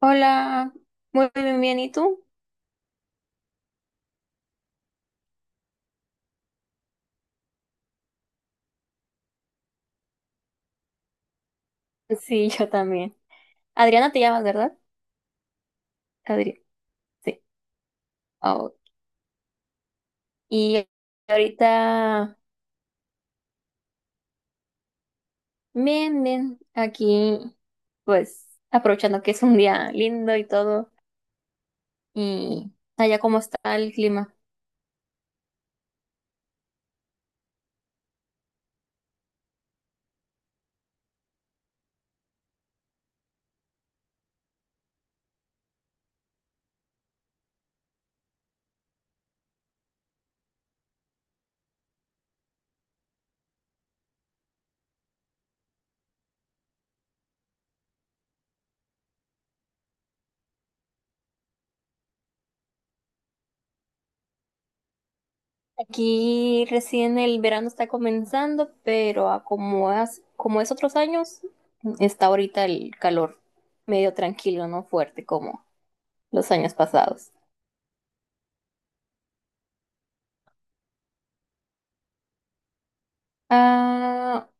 Hola, muy bien, bien, ¿y tú? Sí, yo también. Adriana te llamas, ¿verdad? Adriana, sí. Oh, y ahorita, bien, bien, aquí, pues, aprovechando que es un día lindo y todo. ¿Y allá cómo está el clima? Aquí recién el verano está comenzando, pero a como, como es otros años, está ahorita el calor medio tranquilo, no fuerte como los años pasados. Ah.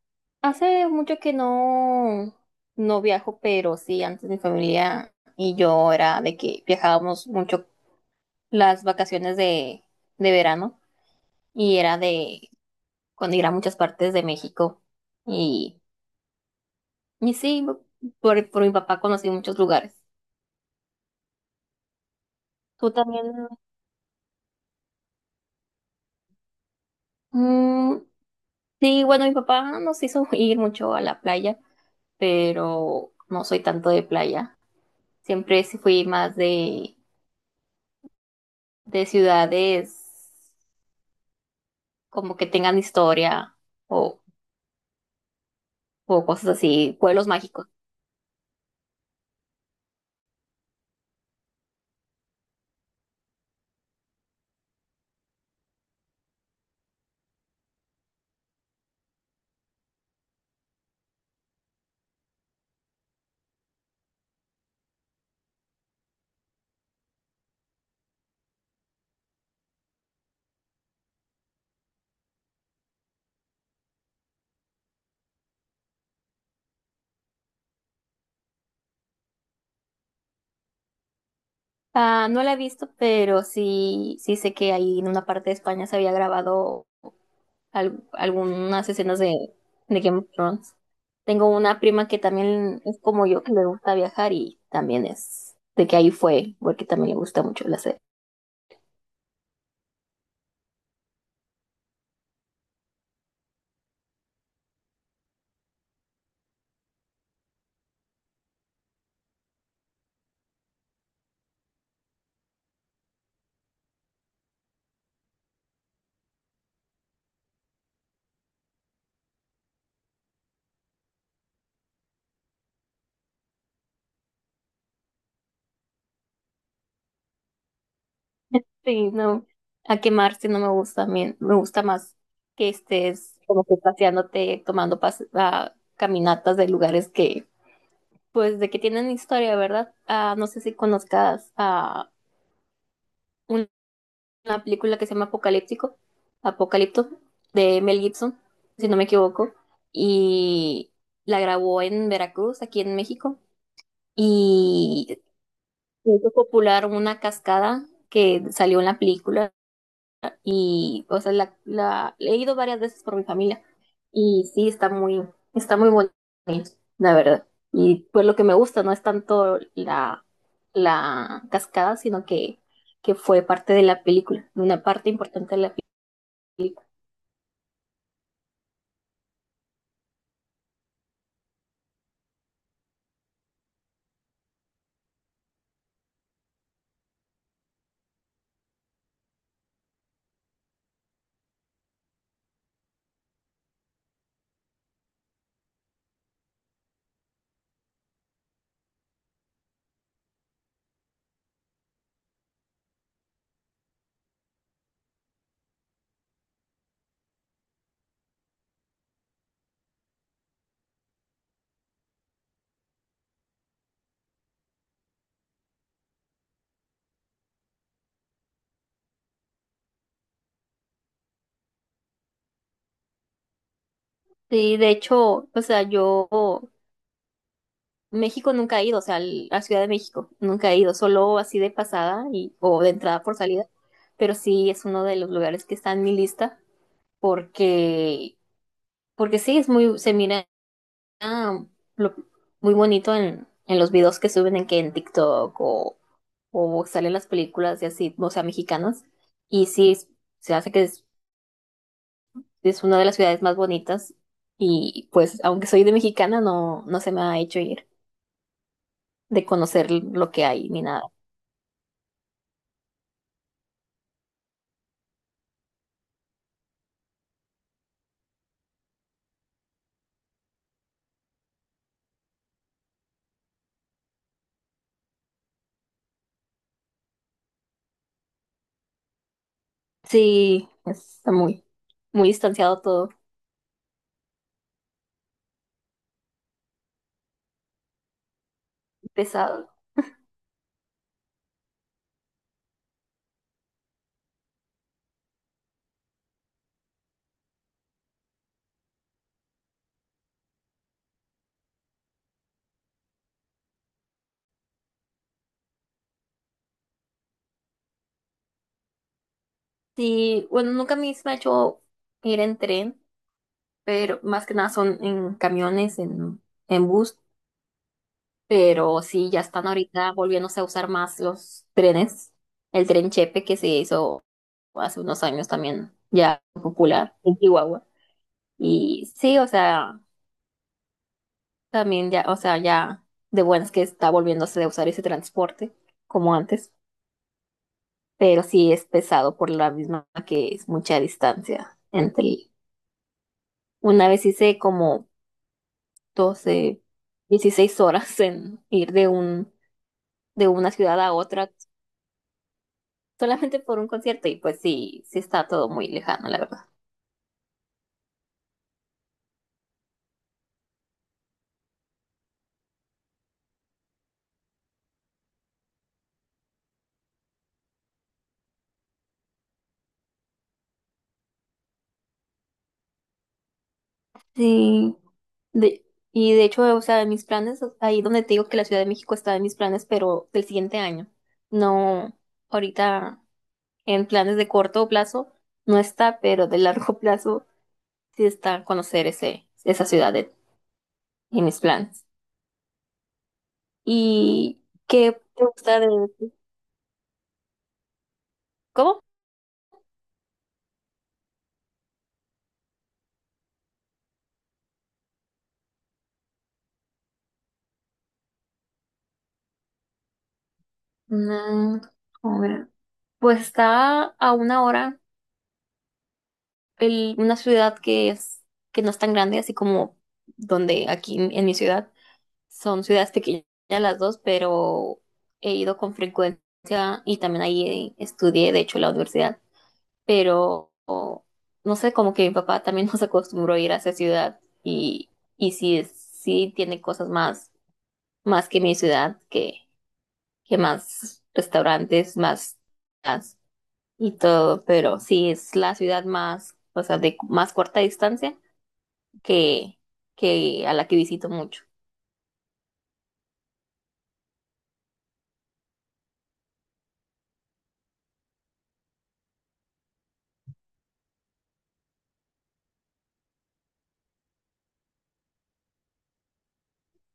Hace mucho que no, no viajo, pero sí, antes mi familia y yo era de que viajábamos mucho las vacaciones de, verano y era de cuando ir a muchas partes de México. Y, y sí, por mi papá conocí muchos lugares. Tú también. Mm, sí, bueno, mi papá nos hizo ir mucho a la playa, pero no soy tanto de playa. Siempre sí fui más de, ciudades como que tengan historia o, o cosas así, pueblos mágicos. Ah, no la he visto, pero sí, sí sé que ahí en una parte de España se había grabado algunas escenas de Game of Thrones. Tengo una prima que también es como yo, que le gusta viajar y también es de que ahí fue, porque también le gusta mucho la serie. Sí, no, a quemarse no me gusta, a mí me gusta más que estés como que paseándote, tomando caminatas de lugares que pues de que tienen historia, ¿verdad? Ah, no sé si conozcas a una película que se llama Apocalipto, de Mel Gibson, si no me equivoco, y la grabó en Veracruz, aquí en México, y hizo popular una cascada que salió en la película. Y, o sea, he ido varias veces por mi familia y sí, está muy bonito, la verdad. Y pues lo que me gusta no es tanto la, cascada, sino que fue parte de la película, una parte importante de la película. Sí, de hecho, o sea, yo México nunca he ido, o sea, a Ciudad de México nunca he ido, solo así de pasada y, o de entrada por salida, pero sí es uno de los lugares que está en mi lista porque Porque sí, es muy, se mira ah, lo- muy bonito en, los videos que suben en TikTok o salen las películas y así, o sea, mexicanas. Y sí, se hace que es una de las ciudades más bonitas. Y pues, aunque soy de mexicana, no, no se me ha hecho ir de conocer lo que hay ni nada. Sí, está muy, muy distanciado todo, pesado. Sí, bueno, nunca a mí se me ha hecho ir en tren, pero más que nada son en camiones, en bus. Pero sí, ya están ahorita volviéndose a usar más los trenes. El tren Chepe que se hizo hace unos años también ya popular en Chihuahua. Y sí, o sea, también ya, o sea, ya de buenas que está volviéndose a usar ese transporte como antes, pero sí es pesado por la misma que es mucha distancia entre. Una vez hice como 12 16 horas en ir de un de una ciudad a otra solamente por un concierto y pues sí, sí está todo muy lejano, la verdad. Sí, de, y de hecho, o sea, de mis planes, ahí donde te digo que la Ciudad de México está en mis planes, pero del siguiente año. No, ahorita en planes de corto plazo no está, pero de largo plazo sí está conocer esa ciudad en mis planes. ¿Y qué te gusta de...? ¿Cómo? Mm, a ver, pues está a una hora una ciudad que no es tan grande, así como donde aquí en, mi ciudad, son ciudades pequeñas las dos, pero he ido con frecuencia y también ahí estudié, de hecho, la universidad, pero o, no sé, como que mi papá también nos acostumbró a ir a esa ciudad y sí, sí tiene cosas más, más que mi ciudad, que, más restaurantes, más... más y todo, pero sí es la ciudad más, o sea, de más corta distancia que, que a la que visito mucho.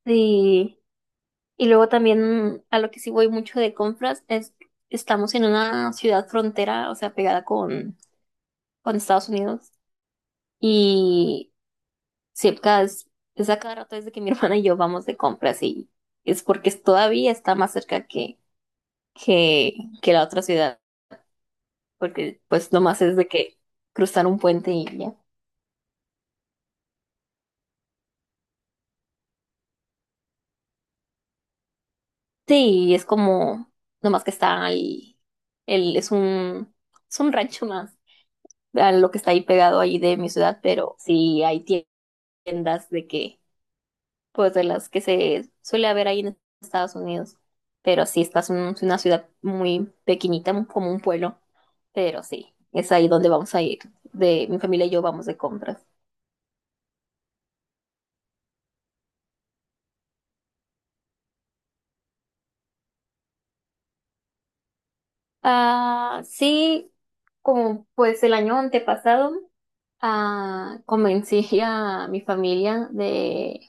Y, y luego también a lo que sí voy mucho de compras es estamos en una ciudad frontera, o sea, pegada con, Estados Unidos. Y cerca es a cada rato desde que mi hermana y yo vamos de compras y es porque todavía está más cerca que, que la otra ciudad, porque pues nomás es de que cruzar un puente y ya. Sí, es como nomás que está ahí, el, es un, es un rancho más a lo que está ahí pegado ahí de mi ciudad, pero sí hay tiendas de que, pues de las que se suele haber ahí en Estados Unidos. Pero sí, estás en una ciudad muy pequeñita, como un pueblo, pero sí, es ahí donde vamos a ir. De mi familia y yo vamos de compras. Ah, sí, como pues el año antepasado, ah, convencí a mi familia de,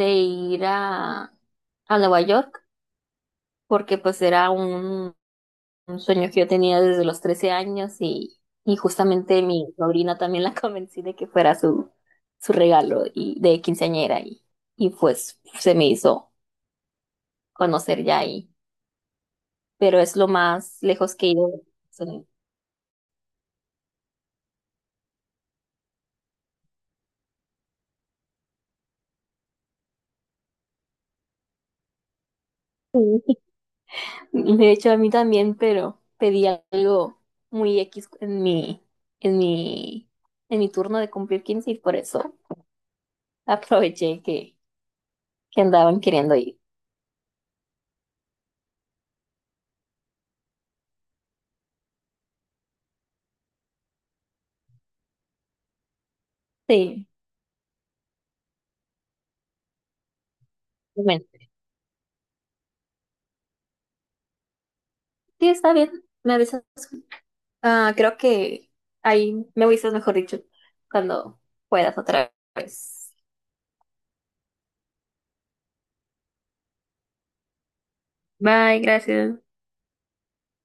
de ir a Nueva York porque pues era un sueño que yo tenía desde los 13 años, y justamente mi sobrina también la convencí de que fuera su, regalo, y, de quinceañera y pues se me hizo conocer ya ahí, pero es lo más lejos que he ido. Son- Sí. De hecho, a mí también, pero pedí algo muy X en mi, en mi, en mi, turno de cumplir 15 y por eso aproveché que andaban queriendo ir. Sí, bueno. Sí, está bien. Me avisas, ah, creo que ahí me avisas, mejor dicho, cuando puedas otra vez. Bye, gracias.